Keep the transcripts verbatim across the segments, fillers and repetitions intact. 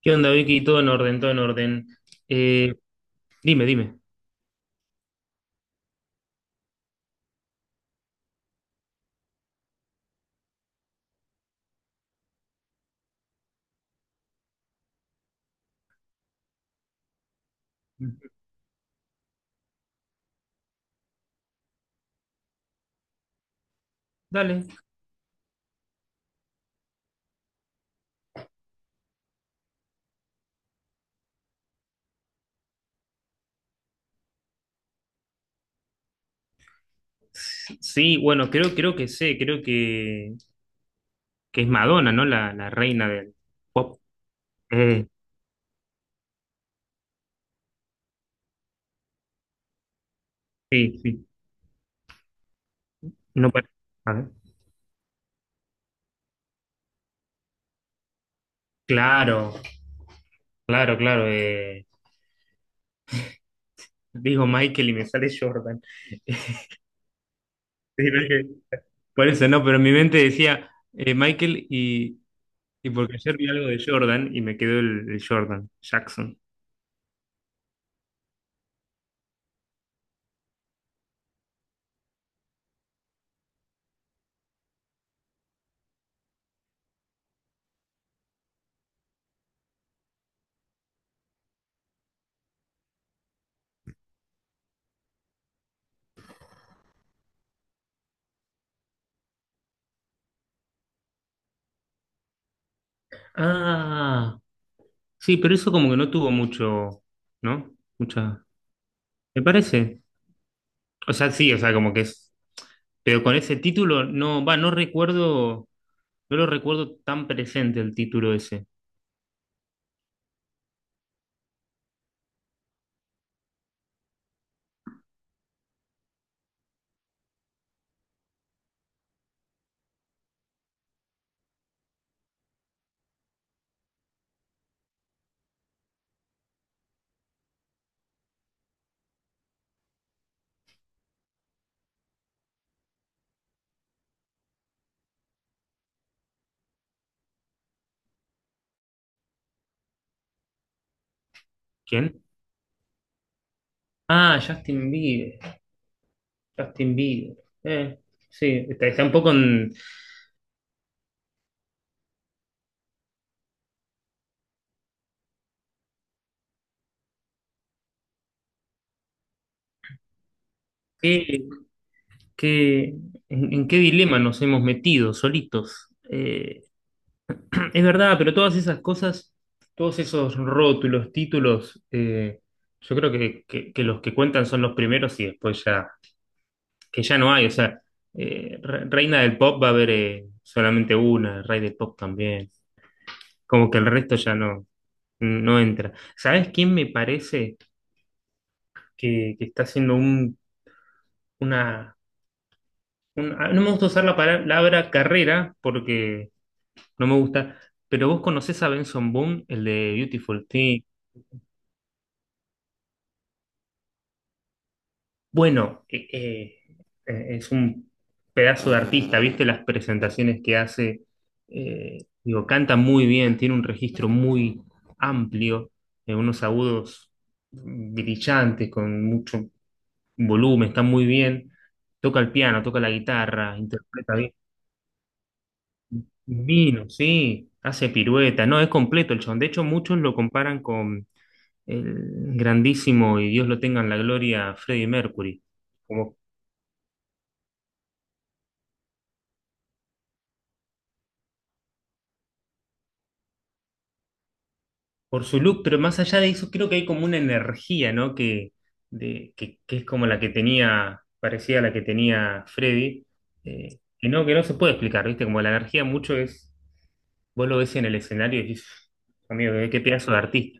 ¿Qué onda, Vicky? Todo en orden, todo en orden. Eh, dime, dime. Dale. Sí, bueno, creo, creo que sé, creo que, que es Madonna, ¿no? La, la reina del pop. Eh, sí, sí. No pare- A ver. Claro, claro, claro. Eh, digo Michael y me sale Jordan. Sí, no es que- Por eso no, pero en mi mente decía eh, Michael, y, y porque ayer vi algo de Jordan y me quedó el, el Jordan Jackson. Ah, sí, pero eso como que no tuvo mucho, ¿no? Mucha, me parece. O sea, sí, o sea, como que es, pero con ese título no, va, no recuerdo, no lo recuerdo tan presente el título ese. ¿Quién? Ah, Justin Bieber, Justin Bieber. Eh, sí, está, está un poco en qué, qué- en, en qué dilema nos hemos metido solitos. Eh, Es verdad, pero todas esas cosas, todos esos rótulos, títulos, eh, yo creo que, que- que los que cuentan son los primeros y después ya, que ya no hay. O sea, eh, re- reina del pop va a haber eh, solamente una, rey del pop también. Como que el resto ya no, no entra. ¿Sabes quién me parece que, que está haciendo un, una, un- ah, no me gusta usar la palabra carrera porque no me gusta, pero vos conocés a Benson Boone, el de Beautiful Thing. Bueno, eh, eh, eh, es un pedazo de artista, ¿viste las presentaciones que hace? Eh, digo, canta muy bien, tiene un registro muy amplio, eh, unos agudos brillantes, con mucho volumen, está muy bien. Toca el piano, toca la guitarra, interpreta bien. Vino, sí, hace pirueta, no, es completo el chabón. De hecho, muchos lo comparan con el grandísimo, y Dios lo tenga en la gloria, Freddie Mercury. Como por su look, pero más allá de eso, creo que hay como una energía, ¿no? Que, de, que, que es como la que tenía, parecía la que tenía Freddy, eh, que no, que no se puede explicar, ¿viste? Como la energía mucho es, vos lo ves en el escenario y dices, amigo, qué qué pedazo de artista.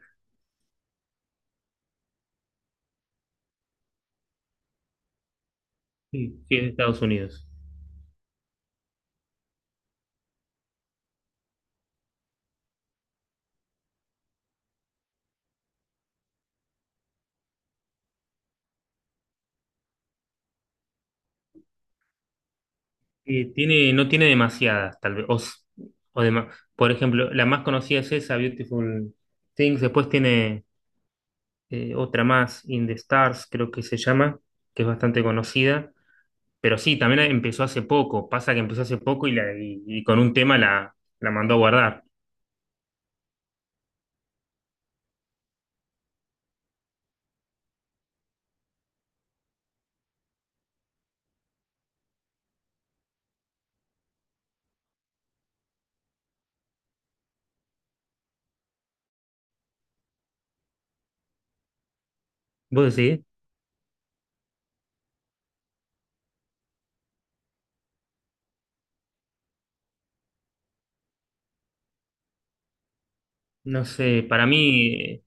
Sí, sí, es de Estados Unidos. Eh, tiene, no tiene demasiadas, tal vez. O, s- o dema- Por ejemplo, la más conocida es esa, Beautiful Things. Después tiene eh, otra más, In the Stars, creo que se llama, que es bastante conocida. Pero sí, también empezó hace poco. Pasa que empezó hace poco y, la, y, y con un tema la, la mandó a guardar. ¿Vos decís? No sé, para mí eh,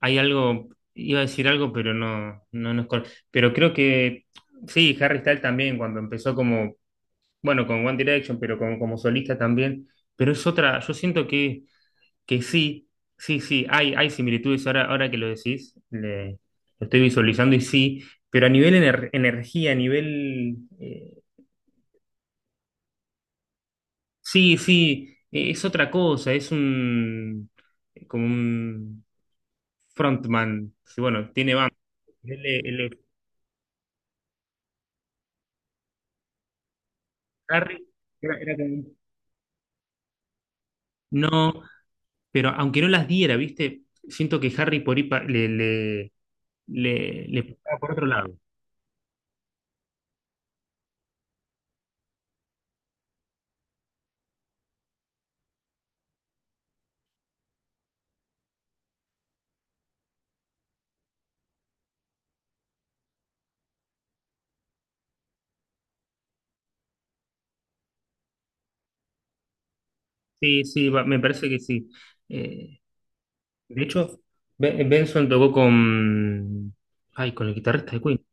hay algo, iba a decir algo, pero no, no, no es correcto. Pero creo que sí, Harry Styles también, cuando empezó como, bueno, con One Direction, pero como, como solista también. Pero es otra, yo siento que, que sí, sí, sí, hay, hay similitudes ahora, ahora que lo decís, le, lo estoy visualizando y sí, pero a nivel ener- energía, a nivel... eh, sí, sí, eh, es otra cosa, es un eh, como un frontman. Sí, bueno, tiene banda. Él, es- él es Harry, era, era como un- no, pero aunque no las diera, ¿viste? Siento que Harry por ahí pa- le, le, le, le picaba por otro lado. Sí, sí, va- me parece que sí. Eh, de hecho, Ben- Benson tocó con. Ay, con el guitarrista de Queen.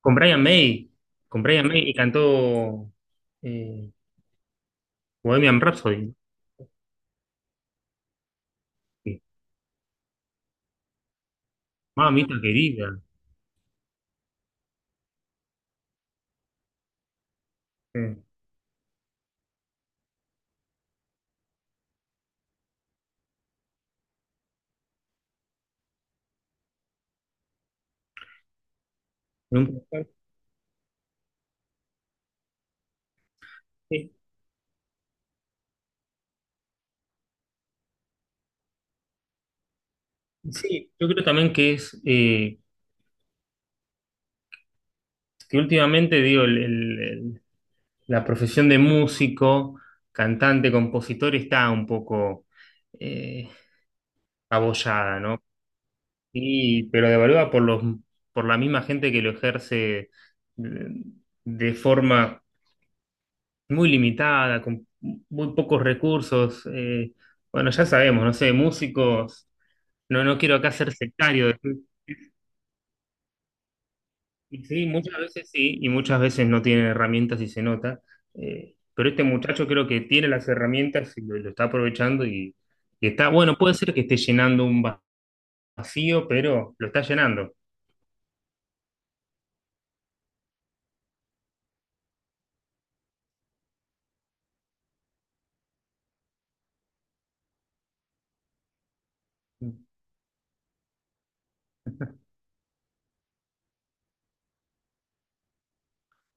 Con Brian May. Con Brian May y cantó eh, Bohemian Rhapsody, ¿no? Sí. Mamita querida. Sí. Un placer. Eh, Sí, yo creo también que es eh, que últimamente digo el- el- el- la profesión de músico, cantante, compositor está un poco eh, abollada, ¿no? Y, pero devaluada por los, por la misma gente que lo ejerce de, de forma muy limitada, con muy pocos recursos. Eh, bueno, ya sabemos, no sé, músicos, no, no quiero acá ser sectario. Y sí, muchas veces sí, y muchas veces no tienen herramientas y se nota. Eh, pero este muchacho creo que tiene las herramientas y lo, lo está aprovechando y, y está, bueno, puede ser que esté llenando un va- vacío, pero lo está llenando.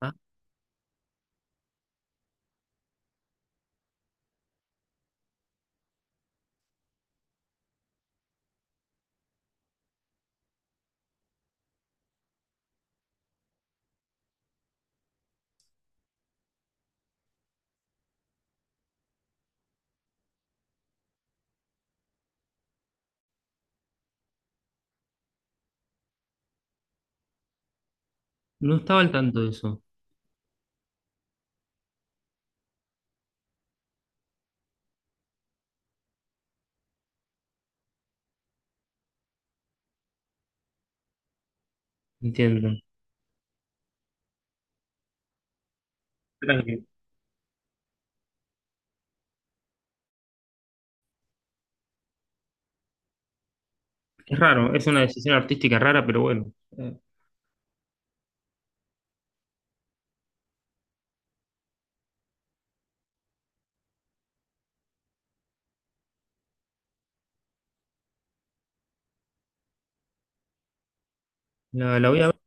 Ah, no estaba al tanto de eso, entiendo. Tranqui. Es raro, es una decisión artística rara, pero bueno, eh, la, la voy a ver.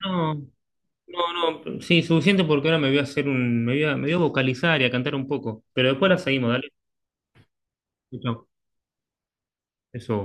No, no, no, sí, suficiente porque ahora me voy a hacer un, me voy a, me voy a vocalizar y a cantar un poco, pero después la seguimos, dale. Chau, chau. Eso.